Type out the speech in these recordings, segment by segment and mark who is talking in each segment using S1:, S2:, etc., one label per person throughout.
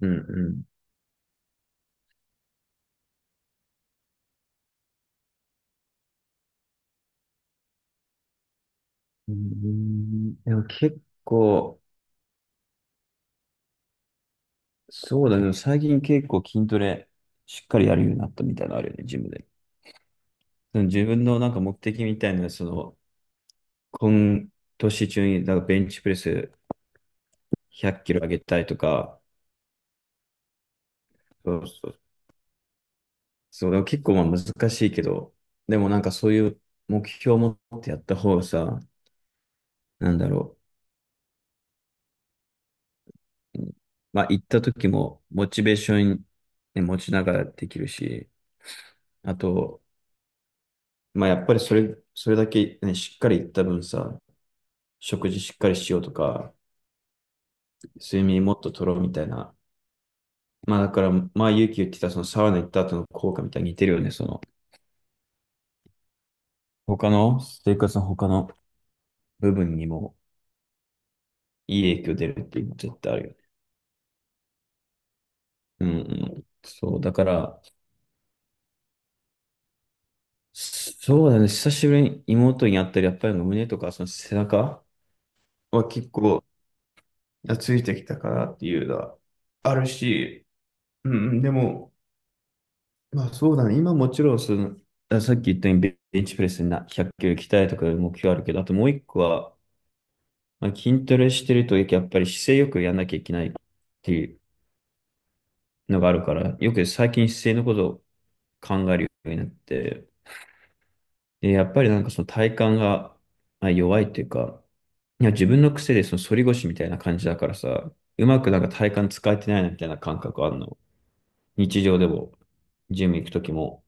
S1: うんうん。うんでも結構、そうだけど、最近結構筋トレしっかりやるようになったみたいなのあるよね、ジムで。その自分のなんか目的みたいな、今年中になんかベンチプレス100キロ上げたいとか。そうそう。そう、でも結構まあ難しいけど、でもなんかそういう目標を持ってやった方がさ、なんだろう。うんまあ行った時もモチベーション、ね、持ちながらできるし、あと、まあやっぱりそれ、それだけ、ね、しっかり言った分さ、食事しっかりしようとか、睡眠もっと取ろうみたいな。まあだから、まあ勇気言ってたそのサウナ行った後の効果みたいに似てるよね。その、他の、生活の他の部分にもいい影響出るっていうのは絶対あるよね。うんうん。そう、だから、そうだね、久しぶりに妹に会ったり、やっぱり胸とかその背中は結構、ついてきたかなっていうのはあるし、うんうん、でも、まあそうだね。今もちろんその、さっき言ったようにベンチプレスにな100キロ鍛えとかいう目標あるけど、あともう一個は、まあ、筋トレしてるとやっぱり姿勢よくやんなきゃいけないっていうのがあるから、よく最近姿勢のことを考えるようになって、で、やっぱりなんかその体幹がまあ弱いっていうか、いや自分の癖でその反り腰みたいな感じだからさ、うまくなんか体幹使えてないなみたいな感覚あるの。日常でも、ジム行くときも。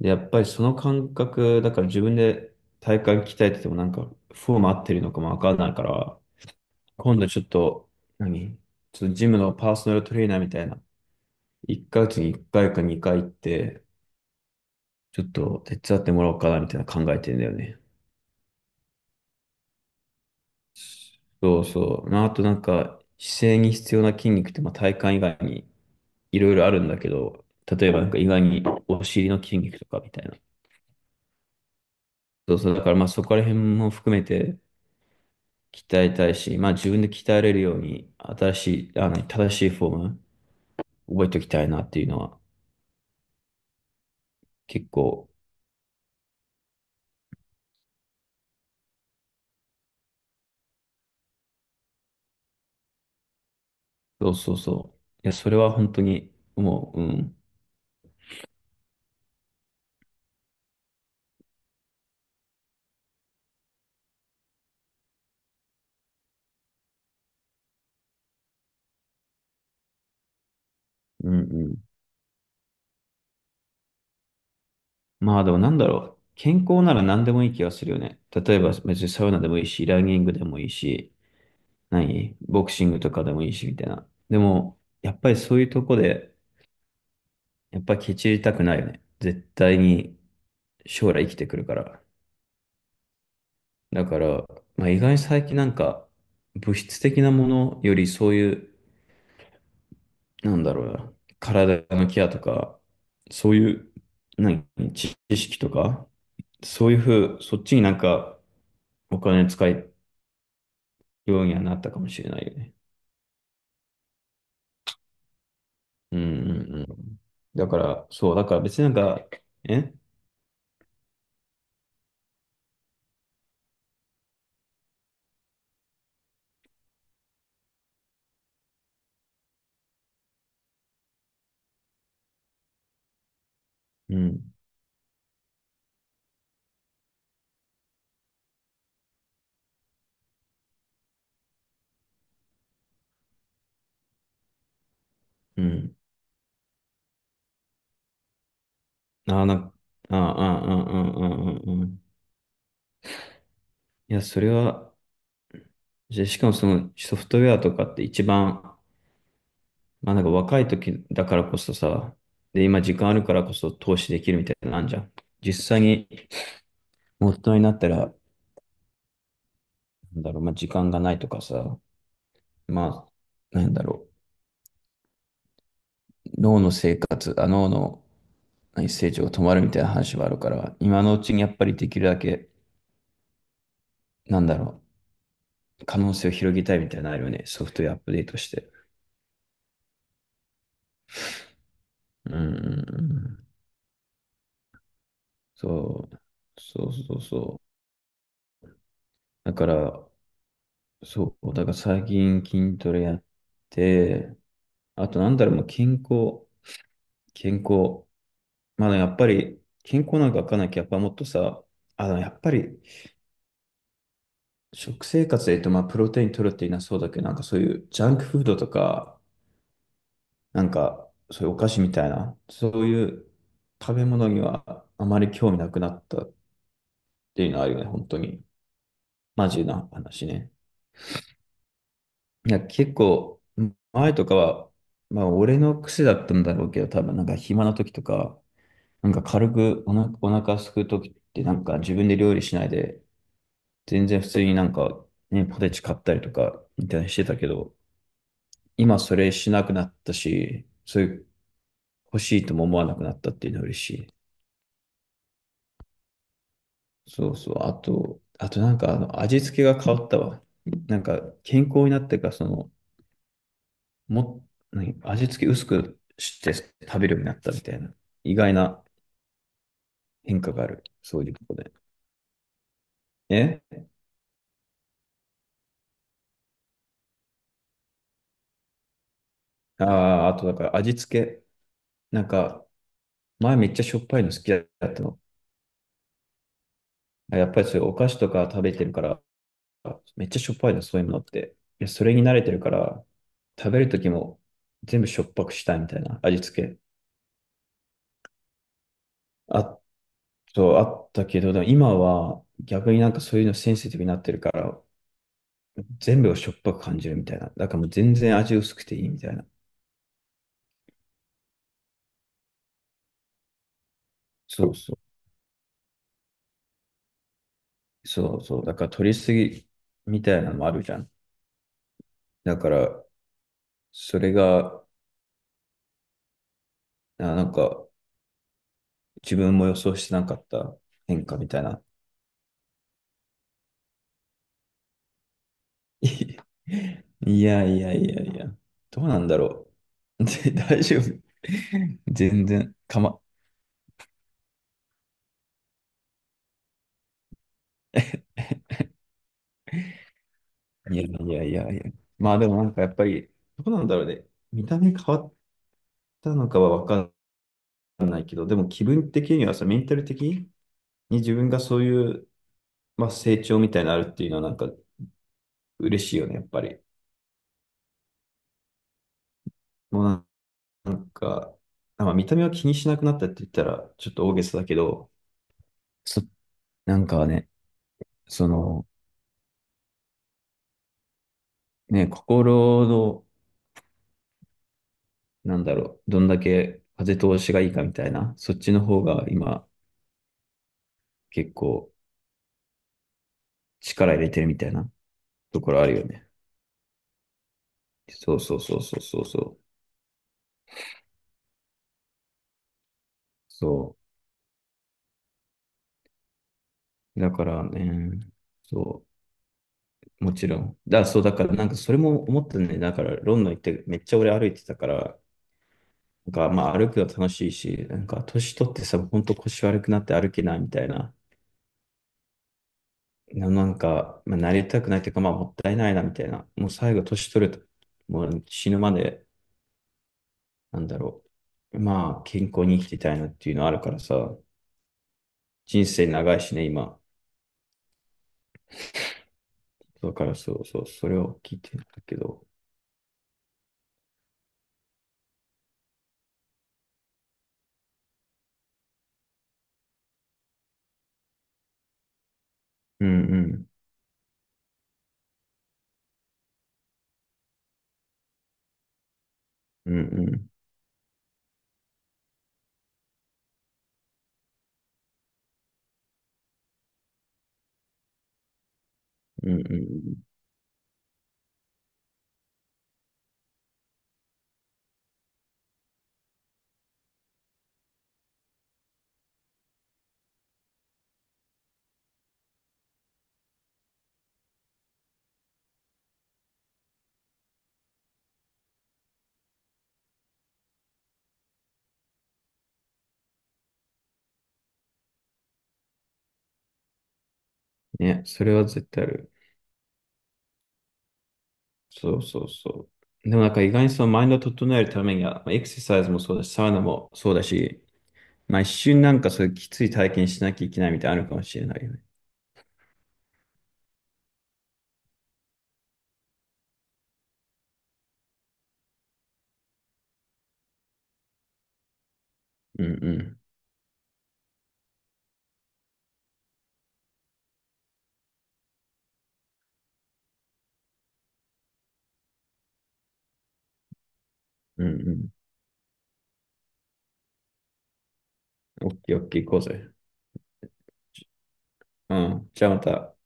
S1: で、やっぱりその感覚、だから自分で体幹鍛えててもなんかフォーム合ってるのかもわかんないから、今度ちょっと、何ちょっとジムのパーソナルトレーナーみたいな、1ヶ月に1回か2回行って、ちょっと手伝ってもらおうかなみたいな考えてんだよね。そうそう。なとなんか、姿勢に必要な筋肉って、まあ、体幹以外にいろいろあるんだけど、例えばなんか意外にお尻の筋肉とかみたいな。そうそう。だからまあそこら辺も含めて、鍛えたいし、まあ自分で鍛えれるように、新しい、正しいフォーム、覚えておきたいなっていうのは、結構、そうそうそう。いや、それは本当に、もう、うん、うん、うん。まあでもなんだろう。健康なら何でもいい気がするよね。例えば別にサウナでもいいし、ランニングでもいいし、ボクシングとかでもいいし、みたいな。でも、やっぱりそういうとこで、やっぱりケチりたくないよね。絶対に将来生きてくるから。だから、まあ、意外に最近なんか、物質的なものよりそういう、なんだろうな、体のケアとか、そういう、何、知識とか、そういうふう、そっちになんか、お金使うようにはなったかもしれないよね。うんうんうん。だから、そう、だから別になんか、えうん、うん。ああ、ああ、ああ、ああ、ああ、ああ。いや、それは、じゃあしかもそのソフトウェアとかって一番まあなんか若い時だからこそさ、で、今時間あるからこそ投資できるみたいなのあんじゃん。実際に大人になったら、なんだろう、まあ時間がないとかさ、まあ、なんだろう、脳の生活、あ、脳の成長が止まるみたいな話はあるから、今のうちにやっぱりできるだけ、なんだろう、可能性を広げたいみたいなのあるよね、ソフトウェアアップデートして。うんうんうん。そう、そうそうそう。だから、そう、だから最近筋トレやって、あとなんだろう、もう健康、健康。まあねやっぱり健康なんかわかんないけど、やっぱもっとさ、やっぱり食生活で言うと、まあプロテイン取るって言いなそうだけど、なんかそういうジャンクフードとか、なんかそういうお菓子みたいな、そういう食べ物にはあまり興味なくなったっていうのはあるよね、本当に。マジな話ね。いや、結構、前とかは、まあ、俺の癖だったんだろうけど、多分、なんか暇な時とか、なんか軽くお腹空く時って、なんか自分で料理しないで、全然普通になんか、ね、ポテチ買ったりとか、みたいにしてたけど、今それしなくなったし、そういう欲しいとも思わなくなったっていうのは嬉しい。そうそう。あと、あとなんか、味付けが変わったわ。なんか、健康になってから、その、も、味付け薄くして食べるようになったみたいな、意外な変化がある。そういうとこで。えああー、あとだから味付け、なんか、前めっちゃしょっぱいの好きだったの。やっぱりそういうお菓子とか食べてるから、めっちゃしょっぱいの、そういうものって。いや、それに慣れてるから、食べるときも全部しょっぱくしたいみたいな味付け。あと、あったけど、でも今は逆になんかそういうのセンシティブになってるから、全部をしょっぱく感じるみたいな。だからもう全然味薄くていいみたいな。そうそう。そうそう。だから取りすぎみたいなのもあるじゃん。だから、それが、なんか、自分も予想してなかった変化みたいな。いやいやいやいや。どうなんだろう。大丈夫。全然、いやいやいやいや。まあでもなんかやっぱり、どうなんだろうね。見た目変わったのかはわかんないけど、でも気分的にはさ、メンタル的にに自分がそういう、まあ、成長みたいなのあるっていうのはなんか嬉しいよね、やっぱり。もうなんか、まあ、見た目は気にしなくなったって言ったらちょっと大げさだけど、そ、なんかね、その、ね、心の、なんだろう、どんだけ風通しがいいかみたいな、そっちの方が今結構力入れてるみたいなところあるよね。そうそうそうそうそうそう。そう。だからね、そう。もちろん。そう、だから、なんか、それも思ったね。だから、ロンドン行って、めっちゃ俺歩いてたから、なんか、まあ、歩くの楽しいし、なんか、年取ってさ、ほんと腰悪くなって歩けないみたいな、なんか、まあ、なりたくないというか、まあ、もったいないな、みたいな。もう最後、年取ると、もう死ぬまで、なんだろう。まあ、健康に生きていたいなっていうのあるからさ、人生長いしね、今。だから、そうそう、それを聞いてんだけど。うんうん。うんうん。うんうん。ね、それは絶対ある。そうそうそう。でもなんか意外にそのマインドを整えるためには、まあエクササイズもそうだし、サウナもそうだし、まあ一瞬なんかそういうきつい体験しなきゃいけないみたいなのあるかもしれないよね。うんうん。うんうん。オッケーオッケー行こうぜ。うん。じゃあまた。